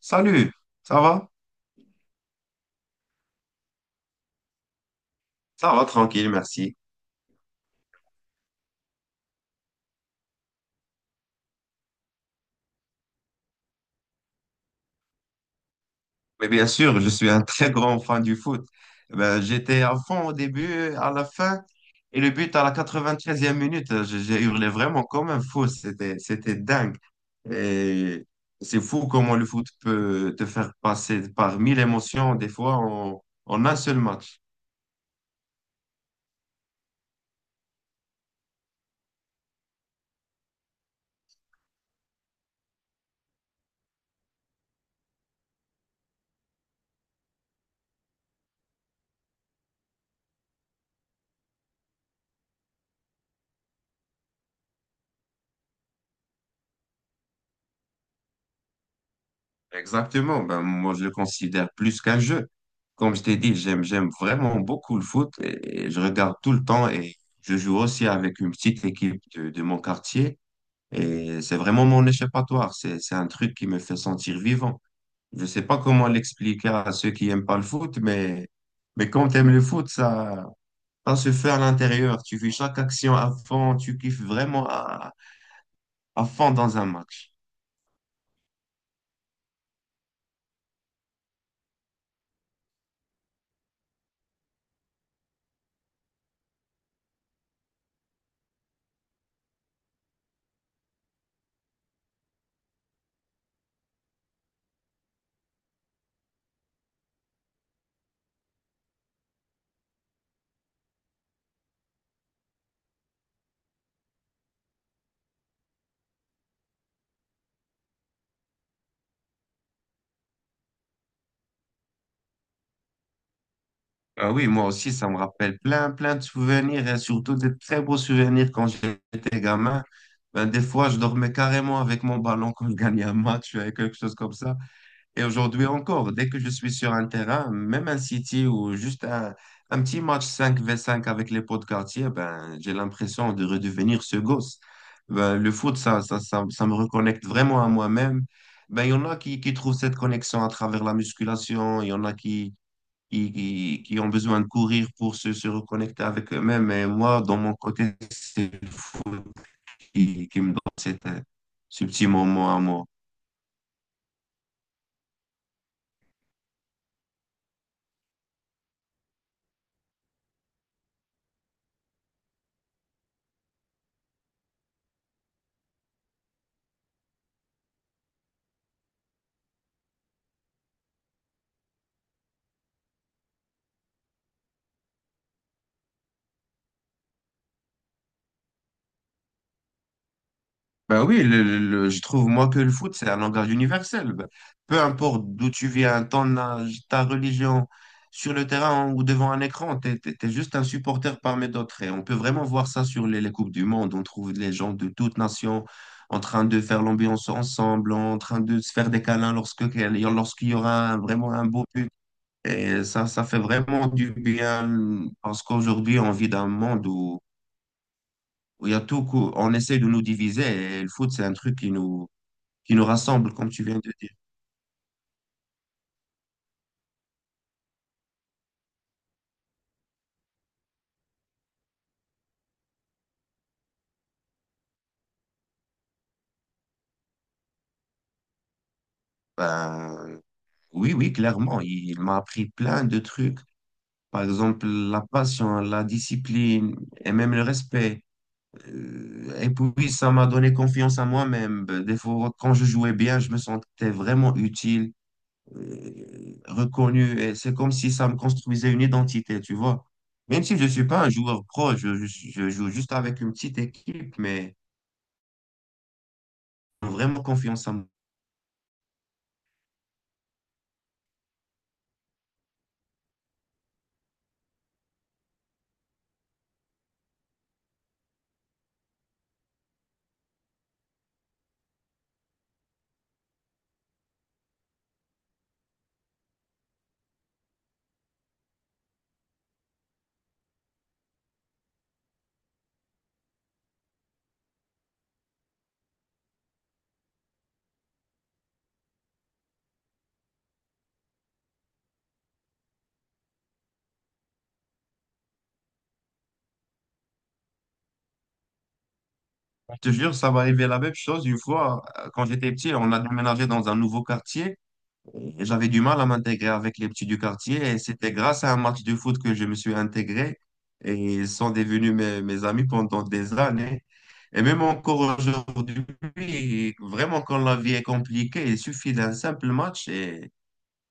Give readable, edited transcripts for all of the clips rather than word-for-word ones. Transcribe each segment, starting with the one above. Salut, ça va? Ça va, tranquille, merci. Mais bien sûr, je suis un très grand fan du foot. Eh ben, j'étais à fond au début, à la fin, et le but à la 93e minute, j'ai hurlé vraiment comme un fou, c'était dingue. Et c'est fou comment le foot peut te faire passer par mille émotions, des fois, en un seul match. Exactement. Ben, moi, je le considère plus qu'un jeu. Comme je t'ai dit, j'aime vraiment beaucoup le foot et je regarde tout le temps et je joue aussi avec une petite équipe de mon quartier et c'est vraiment mon échappatoire. C'est un truc qui me fait sentir vivant. Je sais pas comment l'expliquer à ceux qui aiment pas le foot, mais quand tu aimes le foot, ça se fait à l'intérieur. Tu vis chaque action à fond, tu kiffes vraiment à fond dans un match. Ah oui, moi aussi, ça me rappelle plein, plein de souvenirs et surtout des très beaux souvenirs quand j'étais gamin. Ben, des fois, je dormais carrément avec mon ballon quand je gagnais un match, quelque chose comme ça. Et aujourd'hui encore, dès que je suis sur un terrain, même un City ou juste un petit match cinq v cinq avec les potes quartier, ben, j'ai l'impression de redevenir ce gosse. Ben, le foot, ça me reconnecte vraiment à moi-même. Ben, il y en a qui trouvent cette connexion à travers la musculation, il y en a qui ont besoin de courir pour se reconnecter avec eux-mêmes. Et moi, dans mon côté, c'est le foot qui me donne cette, ce petit moment à moi. Ben oui, je trouve moi que le foot, c'est un langage universel. Ben, peu importe d'où tu viens, ton âge, ta religion, sur le terrain ou devant un écran, t'es juste un supporter parmi d'autres. Et on peut vraiment voir ça sur les Coupes du Monde. On trouve les gens de toutes nations en train de faire l'ambiance ensemble, en train de se faire des câlins lorsqu'il y aura vraiment un beau but. Et ça fait vraiment du bien parce qu'aujourd'hui, on vit dans un monde où il y a tout, on essaie de nous diviser et le foot, c'est un truc qui nous rassemble, comme tu viens de dire. Ben, oui, oui, clairement. Il m'a appris plein de trucs. Par exemple, la passion, la discipline et même le respect. Et puis, ça m'a donné confiance en moi-même. Ben, des fois, quand je jouais bien, je me sentais vraiment utile, reconnu. Et c'est comme si ça me construisait une identité, tu vois. Même si je ne suis pas un joueur pro, je joue juste avec une petite équipe, mais vraiment confiance en. Je te jure, ça m'arrivait la même chose une fois, quand j'étais petit, on a déménagé dans un nouveau quartier. Et j'avais du mal à m'intégrer avec les petits du quartier et c'était grâce à un match de foot que je me suis intégré et ils sont devenus mes, mes amis pendant des années. Et même encore aujourd'hui, vraiment quand la vie est compliquée, il suffit d'un simple match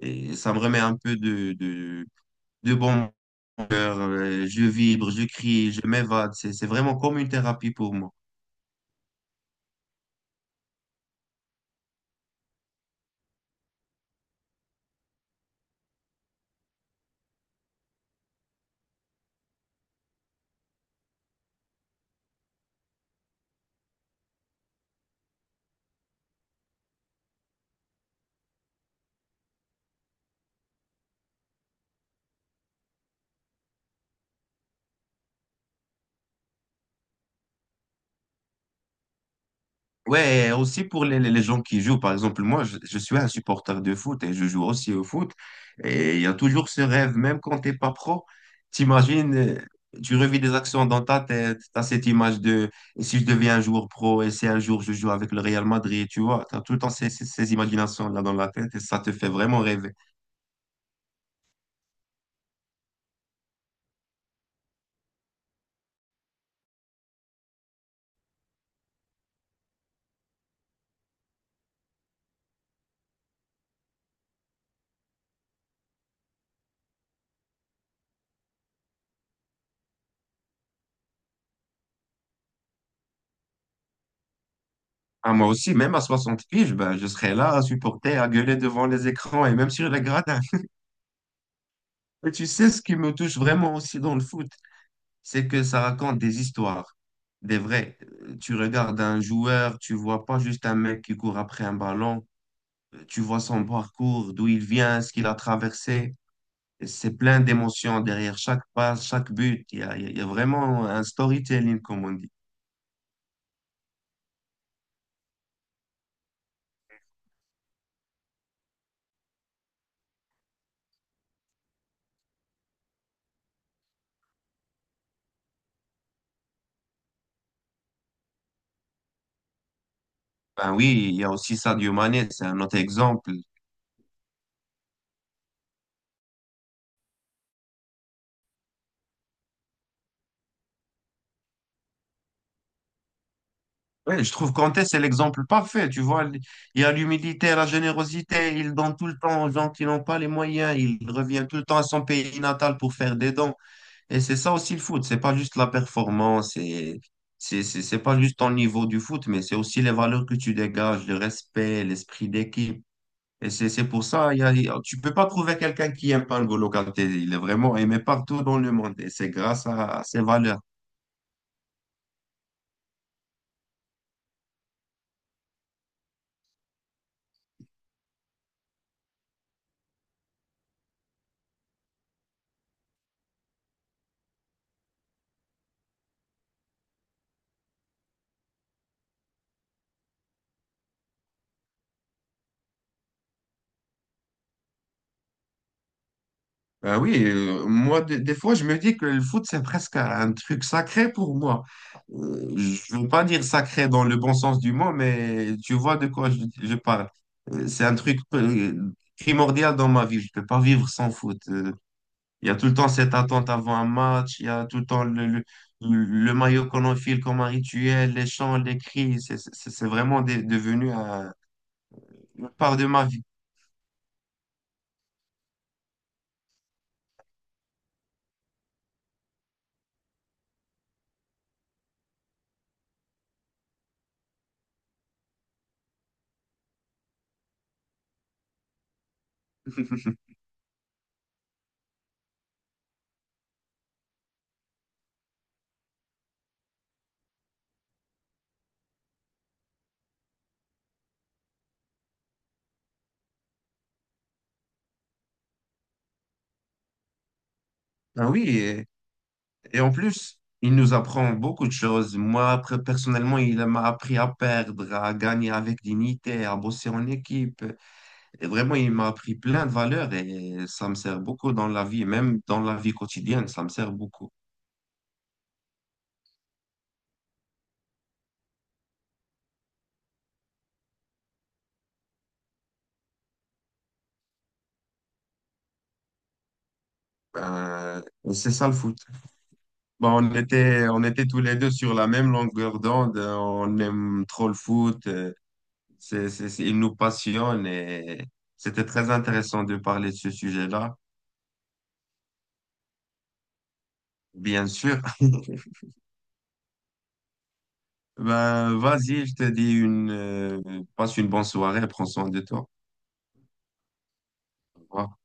et ça me remet un peu de bon cœur. Je vibre, je crie, je m'évade. C'est vraiment comme une thérapie pour moi. Ouais, et aussi pour les gens qui jouent. Par exemple, moi, je suis un supporter de foot et je joue aussi au foot. Et il y a toujours ce rêve, même quand t'es pas pro, t'imagines, tu revis des actions dans ta tête, t'as cette image de et si je deviens un joueur pro et si un jour je joue avec le Real Madrid, tu vois, t'as tout le temps ces, ces, ces imaginations-là dans la tête et ça te fait vraiment rêver. Ah, moi aussi, même à 60 piges, ben, je serai là à supporter, à gueuler devant les écrans et même sur les gradins. Et tu sais ce qui me touche vraiment aussi dans le foot, c'est que ça raconte des histoires, des vraies. Tu regardes un joueur, tu vois pas juste un mec qui court après un ballon, tu vois son parcours, d'où il vient, ce qu'il a traversé. Et c'est plein d'émotions derrière chaque passe, chaque but. Il y a vraiment un storytelling, comme on dit. Ben oui, il y a aussi Sadio Mané, c'est un autre exemple. Ouais, je trouve Kanté, c'est l'exemple parfait. Tu vois, il y a l'humilité, la générosité. Il donne tout le temps aux gens qui n'ont pas les moyens. Il revient tout le temps à son pays natal pour faire des dons. Et c'est ça aussi le foot, c'est pas juste la performance et c'est pas juste ton niveau du foot, mais c'est aussi les valeurs que tu dégages, le respect, l'esprit d'équipe. Et c'est pour ça, tu peux pas trouver quelqu'un qui aime pas N'Golo Kanté. Il est vraiment aimé partout dans le monde et c'est grâce à ses valeurs. Ben oui, moi, des fois, je me dis que le foot, c'est presque un truc sacré pour moi. Je veux pas dire sacré dans le bon sens du mot, mais tu vois de quoi je parle. C'est un truc primordial dans ma vie. Je peux pas vivre sans foot. Il y a tout le temps cette attente avant un match. Il y a tout le temps le maillot qu'on enfile comme un rituel, les chants, les cris. C'est vraiment devenu une part de ma vie. Ah oui, et en plus, il nous apprend beaucoup de choses. Moi, après, personnellement, il m'a appris à perdre, à gagner avec dignité, à bosser en équipe. Et vraiment, il m'a appris plein de valeurs et ça me sert beaucoup dans la vie, même dans la vie quotidienne, ça me sert beaucoup. Ben, c'est ça le foot. Ben on était tous les deux sur la même longueur d'onde. On aime trop le foot. Il nous passionne et c'était très intéressant de parler de ce sujet-là, bien sûr. Ben, vas-y, je te dis une, passe une bonne soirée, prends soin de toi. Au revoir.